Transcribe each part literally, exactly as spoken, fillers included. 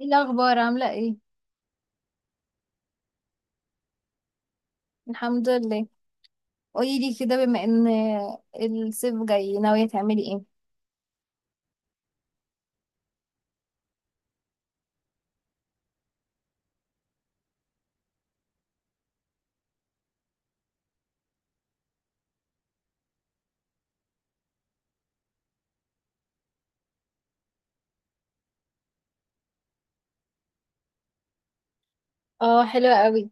ايه الاخبار؟ عامله ايه؟ الحمد لله. قولي لي كده، بما ان الصيف جاي ناويه تعملي ايه؟ اه، حلوه قوي.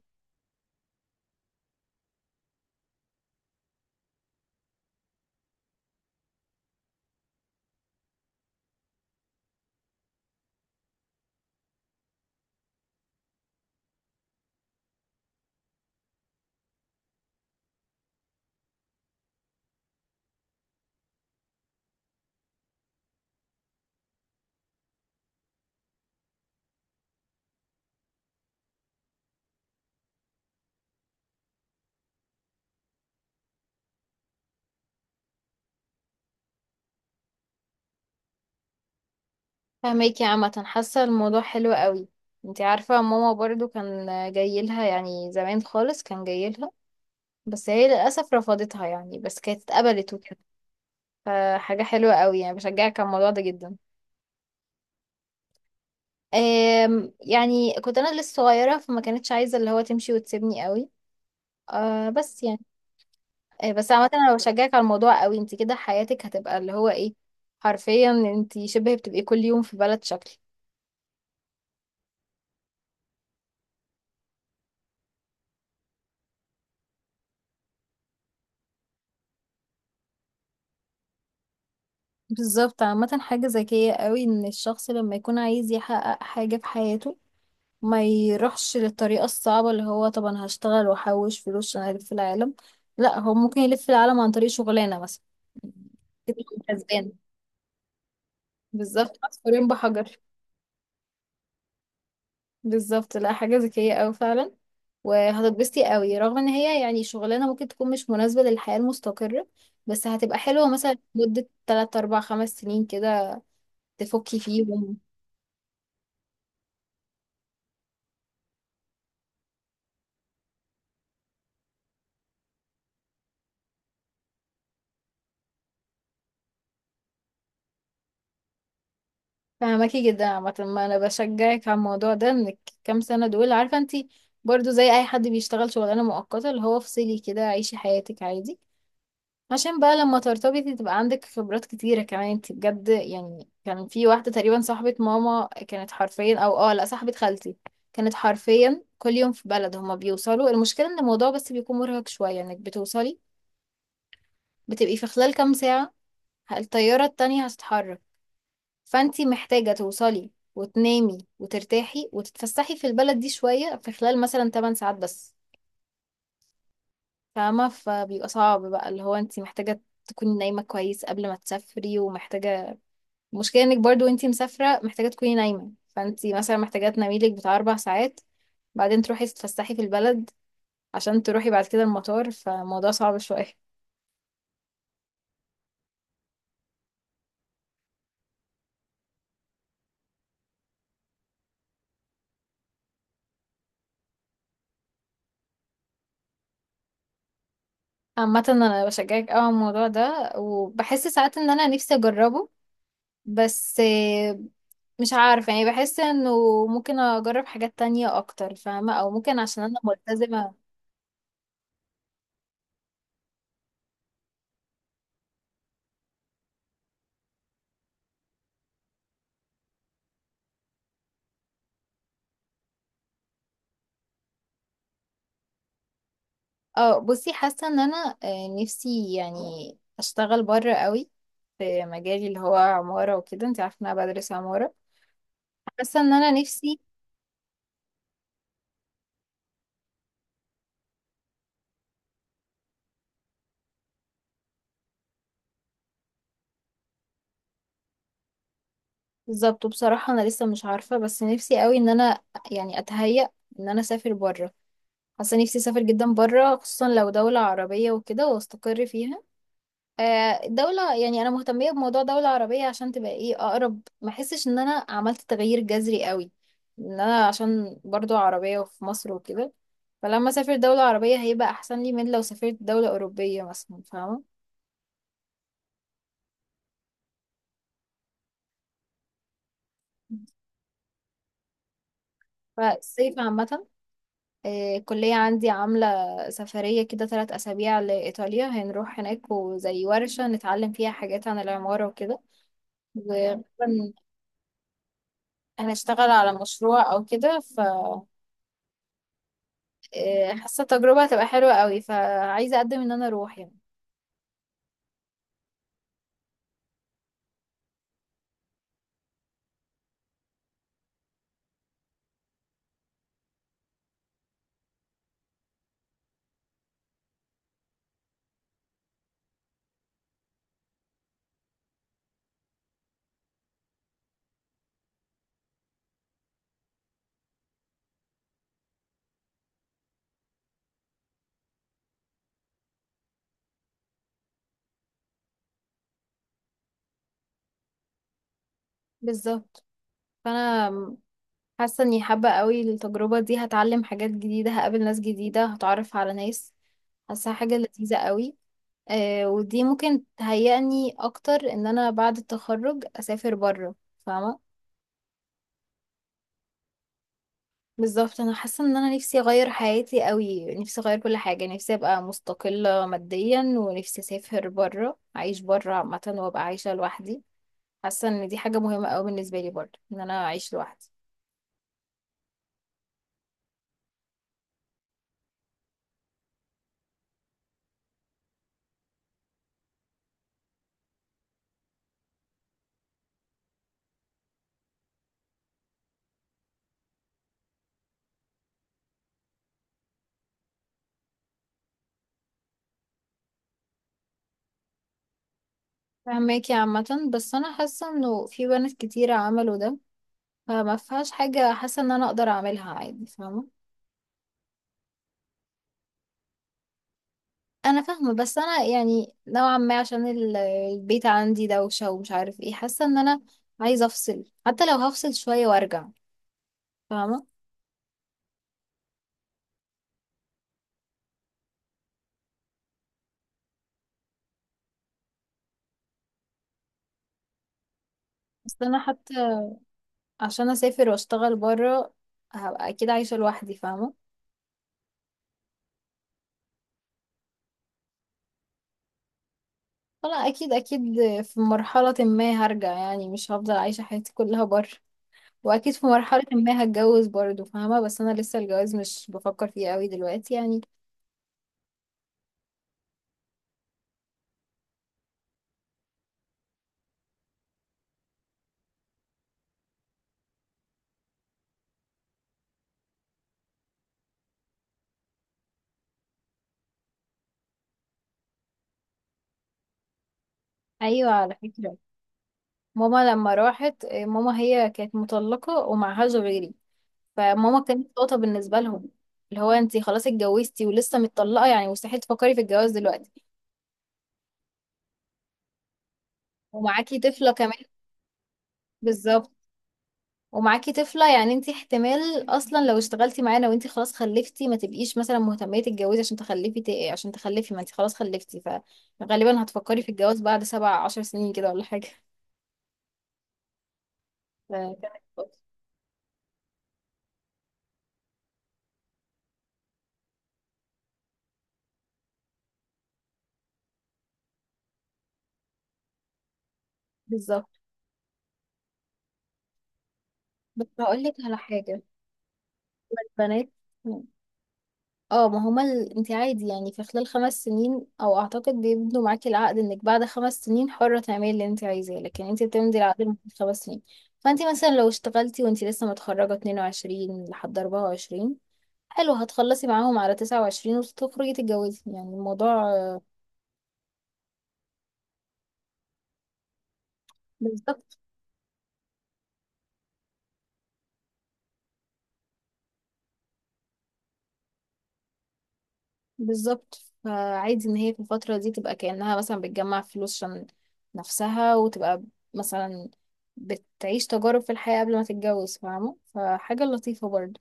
فهماكي. عامه حاسه الموضوع حلو قوي. انت عارفه ماما برضو كان جاي لها، يعني زمان خالص كان جاي لها، بس هي للاسف رفضتها. يعني بس كانت اتقبلت وكده، فحاجه حلوه قوي يعني. بشجعك على الموضوع ده جدا. أم يعني كنت انا لسه صغيره، فما كانتش عايزه اللي هو تمشي وتسيبني قوي. أه بس يعني، آه، بس عامة انا بشجعك على الموضوع قوي. انت كده حياتك هتبقى اللي هو ايه، حرفيا انت شبه بتبقي كل يوم في بلد شكل. بالظبط. عامة حاجة ذكية قوي ان الشخص لما يكون عايز يحقق حاجة في حياته ما يروحش للطريقة الصعبة اللي هو طب انا هشتغل واحوش فلوس عشان الف العالم. لا، هو ممكن يلف العالم عن طريق شغلانة مثلا، كده يبقى كسبان. بالظبط، عصفورين بحجر. بالظبط، لا حاجة ذكية أوي فعلا. وهتتبسطي أوي، رغم إن هي يعني شغلانة ممكن تكون مش مناسبة للحياة المستقرة، بس هتبقى حلوة مثلا مدة تلات أربع خمس سنين كده، تفكي فيهم. فهماكي جدا. عامة ما أنا بشجعك على الموضوع ده إنك، كام سنة دول عارفة انتي، برضو زي أي حد بيشتغل شغلانة مؤقتة اللي هو افصلي كده، عيشي حياتك عادي، عشان بقى لما ترتبطي تبقى عندك خبرات كتيرة كمان. انت بجد يعني كان في واحدة تقريبا صاحبة ماما، كانت حرفيا، او اه لا، صاحبة خالتي، كانت حرفيا كل يوم في بلد. هما بيوصلوا، المشكلة ان الموضوع بس بيكون مرهق شوية، انك بتوصلي، بتبقي في خلال كام ساعة الطيارة التانية هتتحرك. فانت محتاجة توصلي وتنامي وترتاحي وتتفسحي في البلد دي شوية في خلال مثلا تمن ساعات بس. فاهمة؟ فبيبقى صعب بقى اللي هو انت محتاجة تكوني نايمة كويس قبل ما تسافري، ومحتاجة، المشكلة انك برضو وانتي مسافرة محتاجة تكوني نايمة، فانتي مثلا محتاجة تناميلك بتاع أربع ساعات، بعدين تروحي تتفسحي في البلد عشان تروحي بعد كده المطار، فالموضوع صعب شوية. عامة أنا بشجعك أوي على الموضوع ده وبحس ساعات إن أنا نفسي أجربه، بس آه، مش عارفة يعني، بحس إنه ممكن أجرب حاجات تانية أكتر، فاهمة؟ أو ممكن عشان أنا ملتزمة. اه، بصي حاسة إن أنا آه، نفسي يعني أشتغل بره قوي في مجالي اللي هو عمارة وكده. انت عارفة إن أنا بدرس عمارة. حاسه ان انا نفسي، بالظبط. وبصراحه انا لسه مش عارفه، بس نفسي قوي ان انا يعني اتهيأ ان انا اسافر بره. حاسه نفسي اسافر جدا بره، خصوصا لو دوله عربيه وكده واستقر فيها. آه، دولة، يعني أنا مهتمية بموضوع دولة عربية عشان تبقى إيه، أقرب، ما أحسش إن أنا عملت تغيير جذري قوي، إن أنا عشان برضو عربية وفي مصر وكده. فلما أسافر دولة عربية هيبقى أحسن لي من لو سافرت دولة أوروبية مثلا، فاهمة؟ فالصيف عامة، آه، الكلية عندي عاملة سفرية كده ثلاث أسابيع لإيطاليا. هنروح هناك وزي ورشة نتعلم فيها حاجات عن العمارة وكده، وغالبا هنشتغل على مشروع أو كده. ف آه، حاسة التجربة هتبقى حلوة قوي، فعايزة أقدم إن أنا أروح يعني. بالظبط. فأنا حاسة إني حابة قوي التجربة دي، هتعلم حاجات جديدة، هقابل ناس جديدة، هتعرف على ناس، حاسة حاجة لذيذة قوي. آه، ودي ممكن تهيئني اكتر ان انا بعد التخرج اسافر بره. فاهمه؟ بالظبط. انا حاسه ان انا نفسي اغير حياتي قوي، نفسي اغير كل حاجه، نفسي ابقى مستقله ماديا، ونفسي اسافر بره، اعيش بره عامه، وابقى عايشه لوحدي. حاسه ان دي حاجه مهمه قوي بالنسبه لي برضه، ان انا اعيش لوحدي. فهماكي عامه. بس انا حاسه انه في بنات كتيره عملوا ده، فما فيهاش حاجه. حاسه ان انا اقدر اعملها عادي، فاهمه؟ انا فاهمه، بس انا يعني نوعا ما عشان ال- البيت عندي دوشه ومش عارف ايه. حاسه ان انا عايزه افصل، حتى لو هفصل شويه وارجع، فاهمه؟ بس انا حتى عشان اسافر واشتغل بره هبقى اكيد عايشه لوحدي، فاهمه؟ فانا اكيد اكيد في مرحله ما هرجع يعني، مش هفضل عايشه حياتي كلها بره، واكيد في مرحله ما هتجوز برضه، فاهمه؟ بس انا لسه الجواز مش بفكر فيه قوي دلوقتي يعني. ايوه، على فكره، ماما لما راحت، ماما هي كانت مطلقه ومعهاش غيري، فماما كانت نقطة بالنسبة لهم، اللي هو انتي خلاص اتجوزتي ولسه متطلقة، يعني مستحيل تفكري في الجواز دلوقتي. ومعاكي طفلة كمان. بالظبط، ومعاكي طفلة، يعني انتي احتمال اصلا لو اشتغلتي معانا وانتي خلاص خلفتي، ما تبقيش مثلا مهتمية تتجوزي عشان تخلفي، ت- عشان تخلفي، ما انتي خلاص خلفتي، فغالبا هتفكري في الجواز بعد سبع عشر سنين كده ولا حاجة. فكانت، بالظبط. بس هقولك على حاجة، البنات، اه ما هما ال... انت عادي يعني في خلال خمس سنين، او اعتقد بيبنوا معاكي العقد انك بعد خمس سنين حرة تعملي اللي انت عايزاه، لكن انت بتمضي العقد من خمس سنين. فانت مثلا لو اشتغلتي وانت لسه متخرجة اتنين وعشرين لحد اربعة وعشرين، حلو، هتخلصي معاهم على تسعة وعشرين وتخرجي تتجوزي، يعني الموضوع آه، بالظبط. بالظبط، فعادي ان هي في الفترة دي تبقى كأنها مثلا بتجمع فلوس عشان نفسها، وتبقى مثلا بتعيش تجارب في الحياة قبل ما تتجوز، فاهمة؟ فحاجة لطيفة برضه.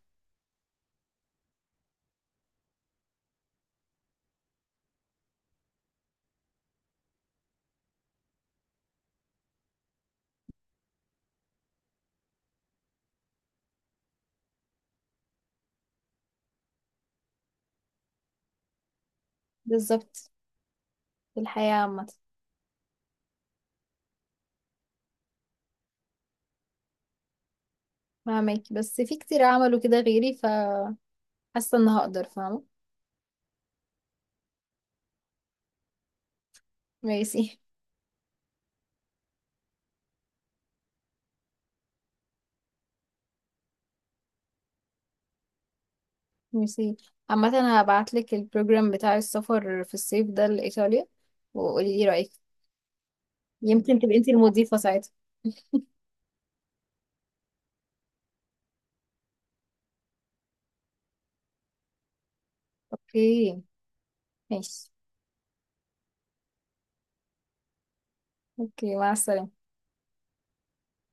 بالظبط، في الحياة عامة. فهماكي. بس في كتير عملوا كده غيري، فحاسة ان هقدر، فاهمة؟ ميرسي، ميرسي. عامة هبعتلك البروجرام بتاع السفر في الصيف ده لإيطاليا، وقولي لي رأيك. يمكن تبقي انتي المضيفة ساعتها. اوكي، ماشي. اوكي، مع السلامة.